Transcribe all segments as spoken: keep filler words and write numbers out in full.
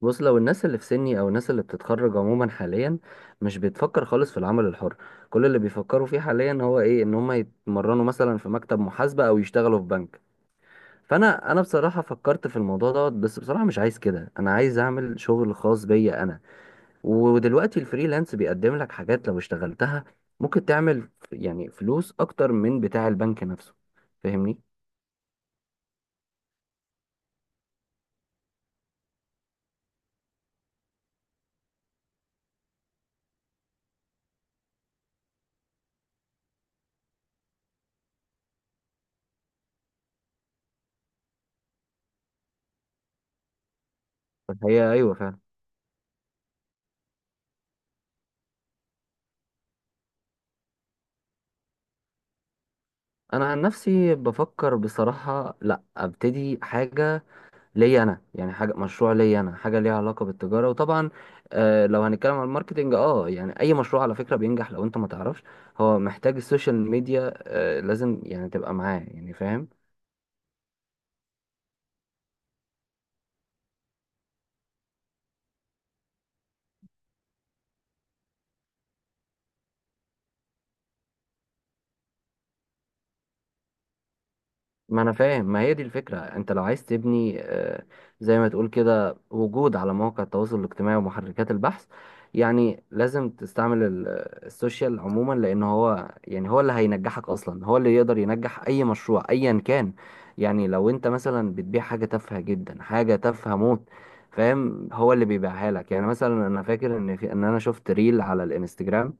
بص، لو الناس اللي في سني او الناس اللي بتتخرج عموما حاليا مش بتفكر خالص في العمل الحر. كل اللي بيفكروا فيه حاليا هو ايه؟ ان هم يتمرنوا مثلا في مكتب محاسبة او يشتغلوا في بنك. فانا انا بصراحة فكرت في الموضوع دوت، بس بصراحة مش عايز كده، انا عايز اعمل شغل خاص بيا انا. ودلوقتي الفريلانس بيقدم لك حاجات لو اشتغلتها ممكن تعمل ف- يعني فلوس اكتر من بتاع البنك نفسه، فاهمني؟ فهي ايوه فعلا. انا عن نفسي بفكر بصراحة لا ابتدي حاجة ليا انا، يعني حاجه مشروع ليا انا، حاجه ليها علاقه بالتجاره. وطبعا آه لو هنتكلم عن الماركتنج، اه يعني اي مشروع على فكره بينجح لو انت ما تعرفش، هو محتاج السوشيال ميديا، آه لازم يعني تبقى معاه، يعني فاهم؟ ما انا فاهم، ما هي دي الفكرة. انت لو عايز تبني آه، زي ما تقول كده وجود على مواقع التواصل الاجتماعي ومحركات البحث، يعني لازم تستعمل ال- آه، السوشيال عموما، لان هو يعني هو اللي هينجحك اصلا، هو اللي يقدر ينجح اي مشروع ايا كان. يعني لو انت مثلا بتبيع حاجة تافهة جدا، حاجة تافهة موت، فاهم؟ هو اللي بيبيعها لك. يعني مثلا انا فاكر ان في ان انا شفت ريل على الانستجرام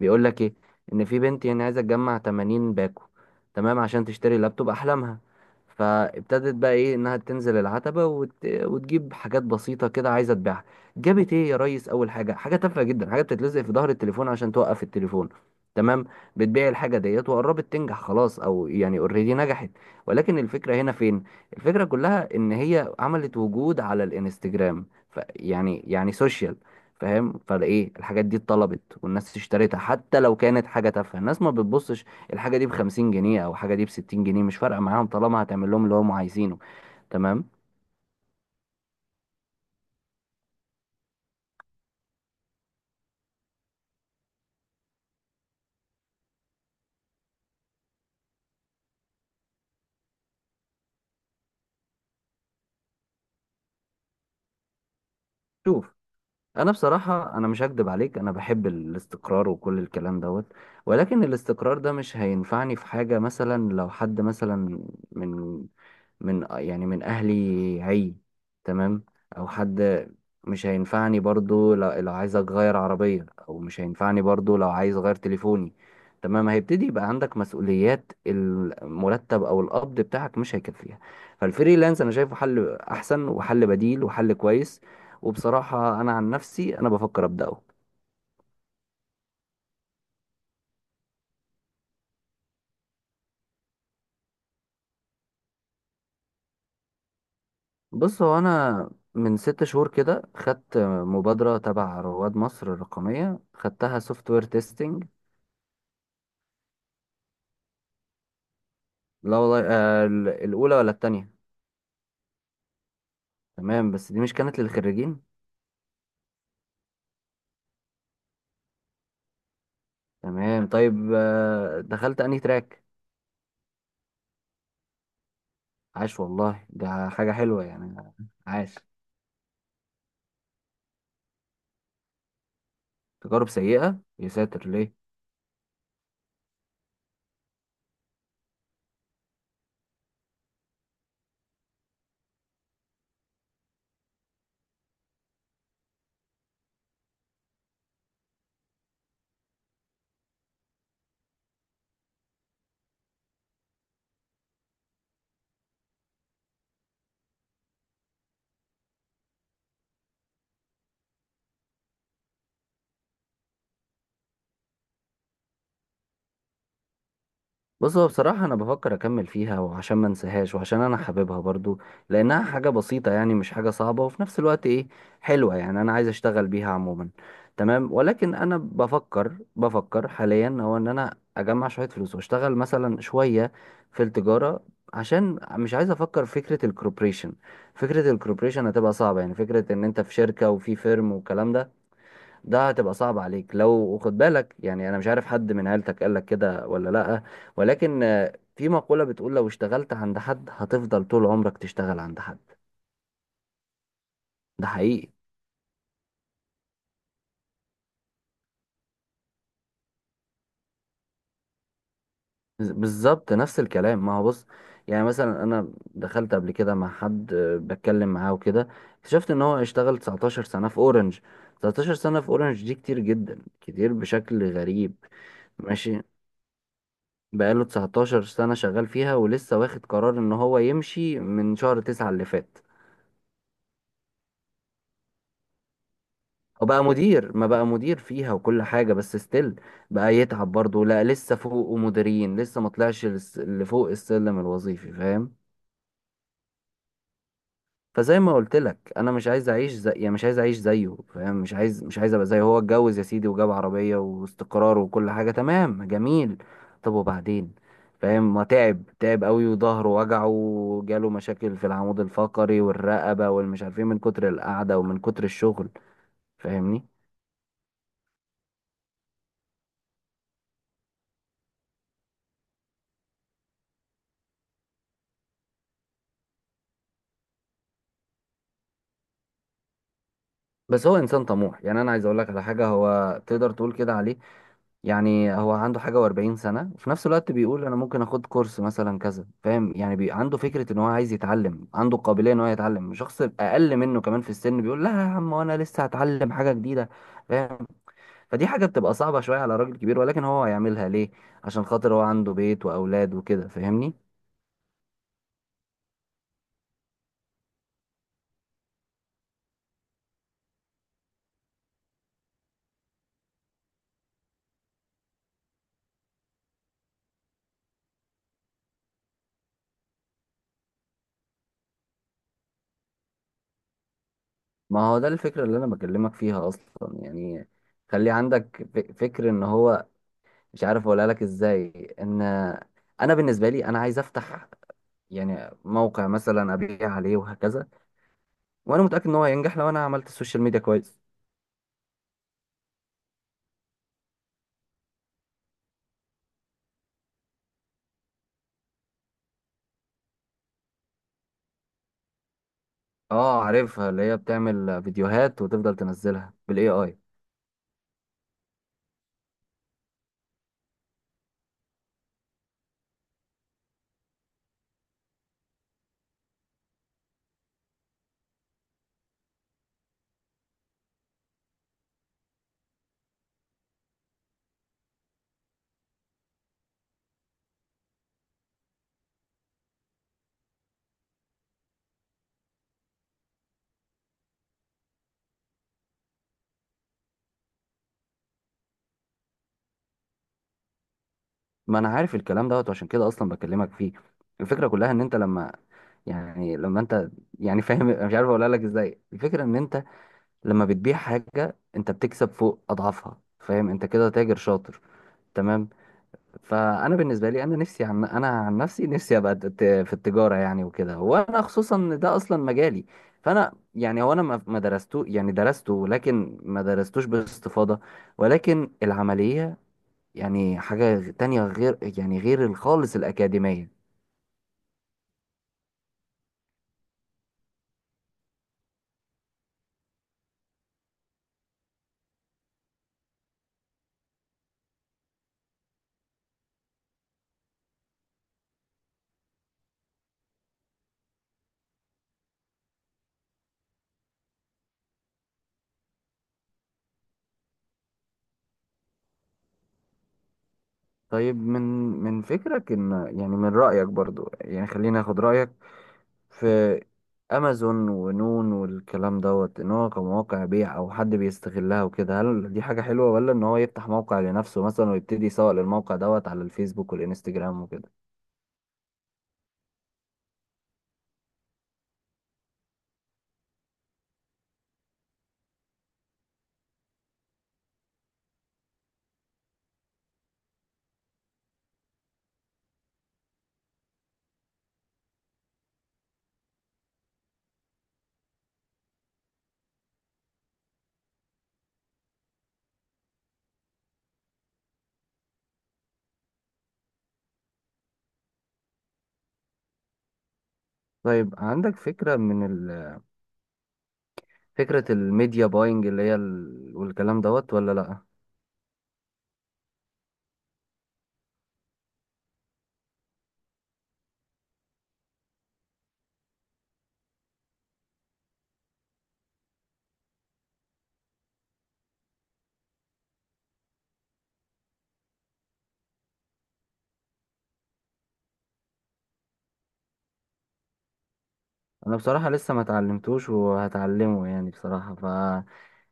بيقول لك ايه؟ ان في بنت يعني عايزه تجمع ثمانين باكو، تمام؟ عشان تشتري لابتوب احلامها. فابتدت بقى ايه؟ انها تنزل العتبه وت... وتجيب حاجات بسيطه كده عايزه تبيعها. جابت ايه يا ريس؟ اول حاجه، حاجه تافهه جدا، حاجه بتتلزق في ظهر التليفون عشان توقف التليفون، تمام؟ بتبيع الحاجه ديت وقربت تنجح، خلاص، او يعني اوريدي نجحت. ولكن الفكره هنا فين؟ الفكره كلها ان هي عملت وجود على الانستجرام، ف... يعني يعني سوشيال، فاهم؟ فالايه، الحاجات دي اتطلبت والناس اشتريتها حتى لو كانت حاجه تافهه. الناس ما بتبصش الحاجه دي ب خمسين جنيه او حاجه دي ب ستين جنيه، مش فارقه معاهم طالما هتعمل لهم اللي هم عايزينه، تمام. شوف، انا بصراحة انا مش هكدب عليك، انا بحب الاستقرار وكل الكلام دوت، ولكن الاستقرار ده مش هينفعني في حاجة. مثلا لو حد مثلا من من يعني من اهلي عي تمام، او حد، مش هينفعني برضو لو, لو عايز اغير عربية، او مش هينفعني برضو لو عايز اغير تليفوني، تمام؟ هيبتدي يبقى عندك مسؤوليات، المرتب او القبض بتاعك مش هيكفيها. فالفريلانس انا شايفه حل احسن وحل بديل وحل كويس. وبصراحة أنا عن نفسي أنا بفكر أبدأه. بص، هو أنا من ست شهور كده خدت مبادرة تبع رواد مصر الرقمية، خدتها سوفت وير تيستنج. لا والله، آه ال- الأولى ولا التانية؟ تمام، بس دي مش كانت للخريجين؟ تمام، طيب آه دخلت أنهي تراك؟ عاش والله، ده حاجة حلوة يعني. عاش، تجارب سيئة يساتر، ليه؟ بص، هو بصراحة أنا بفكر أكمل فيها، وعشان ما انساهاش، وعشان أنا حاببها برضو، لأنها حاجة بسيطة يعني، مش حاجة صعبة، وفي نفس الوقت إيه؟ حلوة. يعني أنا عايز أشتغل بيها عموما، تمام. ولكن أنا بفكر بفكر حاليا هو إن أنا أجمع شوية فلوس وأشتغل مثلا شوية في التجارة، عشان مش عايز أفكر في فكرة الكوربريشن. فكرة الكوربريشن هتبقى صعبة، يعني فكرة إن أنت في شركة وفي فيرم والكلام ده، ده هتبقى صعب عليك لو خد بالك. يعني انا مش عارف حد من عيلتك قال لك كده ولا لا، ولكن آه، في مقولة بتقول لو اشتغلت عند حد هتفضل طول عمرك تشتغل عند حد. ده حقيقي. بز- بالظبط نفس الكلام. ما هو بص، يعني مثلا انا دخلت قبل كده مع حد، آه، بتكلم معاه وكده، اكتشفت ان هو اشتغل 19 سنة في اورنج. 19 سنة في اورنج دي كتير جدا، كتير بشكل غريب. ماشي، بقاله 19 سنة شغال فيها ولسه واخد قرار ان هو يمشي من شهر تسعة اللي فات. هو بقى مدير، ما بقى مدير فيها وكل حاجة، بس ستيل بقى يتعب برضه. لا لسه فوق مديرين، لسه ما طلعش لس- لفوق السلم الوظيفي، فاهم؟ فزي ما قلت لك، انا مش عايز اعيش زي، يعني مش عايز اعيش زيه، فاهم؟ مش عايز مش عايز ابقى زيه. هو اتجوز يا سيدي وجاب عربية واستقرار وكل حاجة، تمام جميل، طب وبعدين؟ فاهم؟ ما تعب، تعب قوي، وظهره وجعه وجاله مشاكل في العمود الفقري والرقبة والمش عارفين، من كتر القعدة ومن كتر الشغل، فاهمني؟ بس هو انسان طموح، يعني انا عايز اقول لك على حاجة، هو تقدر تقول كده عليه. يعني هو عنده حاجة وأربعين سنة وفي نفس الوقت بيقول أنا ممكن أخد كورس مثلا كذا، فاهم؟ يعني بي... عنده فكرة إن هو عايز يتعلم، عنده قابلية إن هو يتعلم شخص أقل منه كمان في السن، بيقول لا يا عم وأنا لسه هتعلم حاجة جديدة، فاهم؟ فدي حاجة بتبقى صعبة شوية على راجل كبير، ولكن هو هيعملها ليه؟ عشان خاطر هو عنده بيت وأولاد وكده، فاهمني؟ ما هو ده الفكرة اللي أنا بكلمك فيها أصلا يعني. خلي عندك ف- فكر إن هو، مش عارف أقولها لك إزاي، إن أنا بالنسبة لي أنا عايز أفتح يعني موقع مثلا ابيع عليه وهكذا، وانا متاكد ان هو هينجح لو انا عملت السوشيال ميديا كويس. اه عارفها، اللي هي بتعمل فيديوهات وتفضل تنزلها بالاي اي. ما انا عارف الكلام دوت، وعشان كده اصلا بكلمك فيه. الفكره كلها ان انت لما، يعني لما انت يعني فاهم؟ مش عارف اقولها لك ازاي. الفكره ان انت لما بتبيع حاجه انت بتكسب فوق اضعافها، فاهم؟ انت كده تاجر شاطر، تمام؟ فانا بالنسبه لي انا نفسي، عن انا عن نفسي نفسي ابقى ت- في التجاره يعني وكده، وانا خصوصا إن ده اصلا مجالي. فانا يعني، هو انا ما ما درسته، يعني درسته لكن ما درستوش باستفاضه، ولكن العمليه يعني حاجه تانية غير يعني غير خالص الاكاديميه. طيب، من من فكرك ان، يعني من رايك برضو، يعني خليني اخد رايك في امازون ونون والكلام دوت، ان هو كمواقع بيع او حد بيستغلها وكده، هل دي حاجة حلوة، ولا ان هو يفتح موقع لنفسه مثلا ويبتدي يسوق للموقع دوت على الفيسبوك والانستجرام وكده؟ طيب عندك فكرة من ال... فكرة الميديا باينج اللي هي ال... والكلام دوت، ولا لا؟ انا بصراحة لسه ما اتعلمتوش وهتعلمه يعني، بصراحة، ف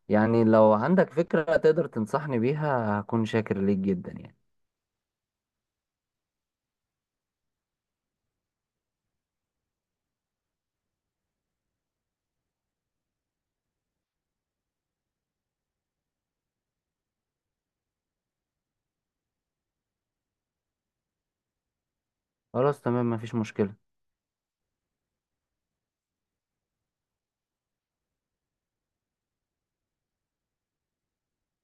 يعني لو عندك فكرة تقدر تنصحني بيها هكون شاكر ليك جدا يعني. خلاص تمام، مفيش مشكلة.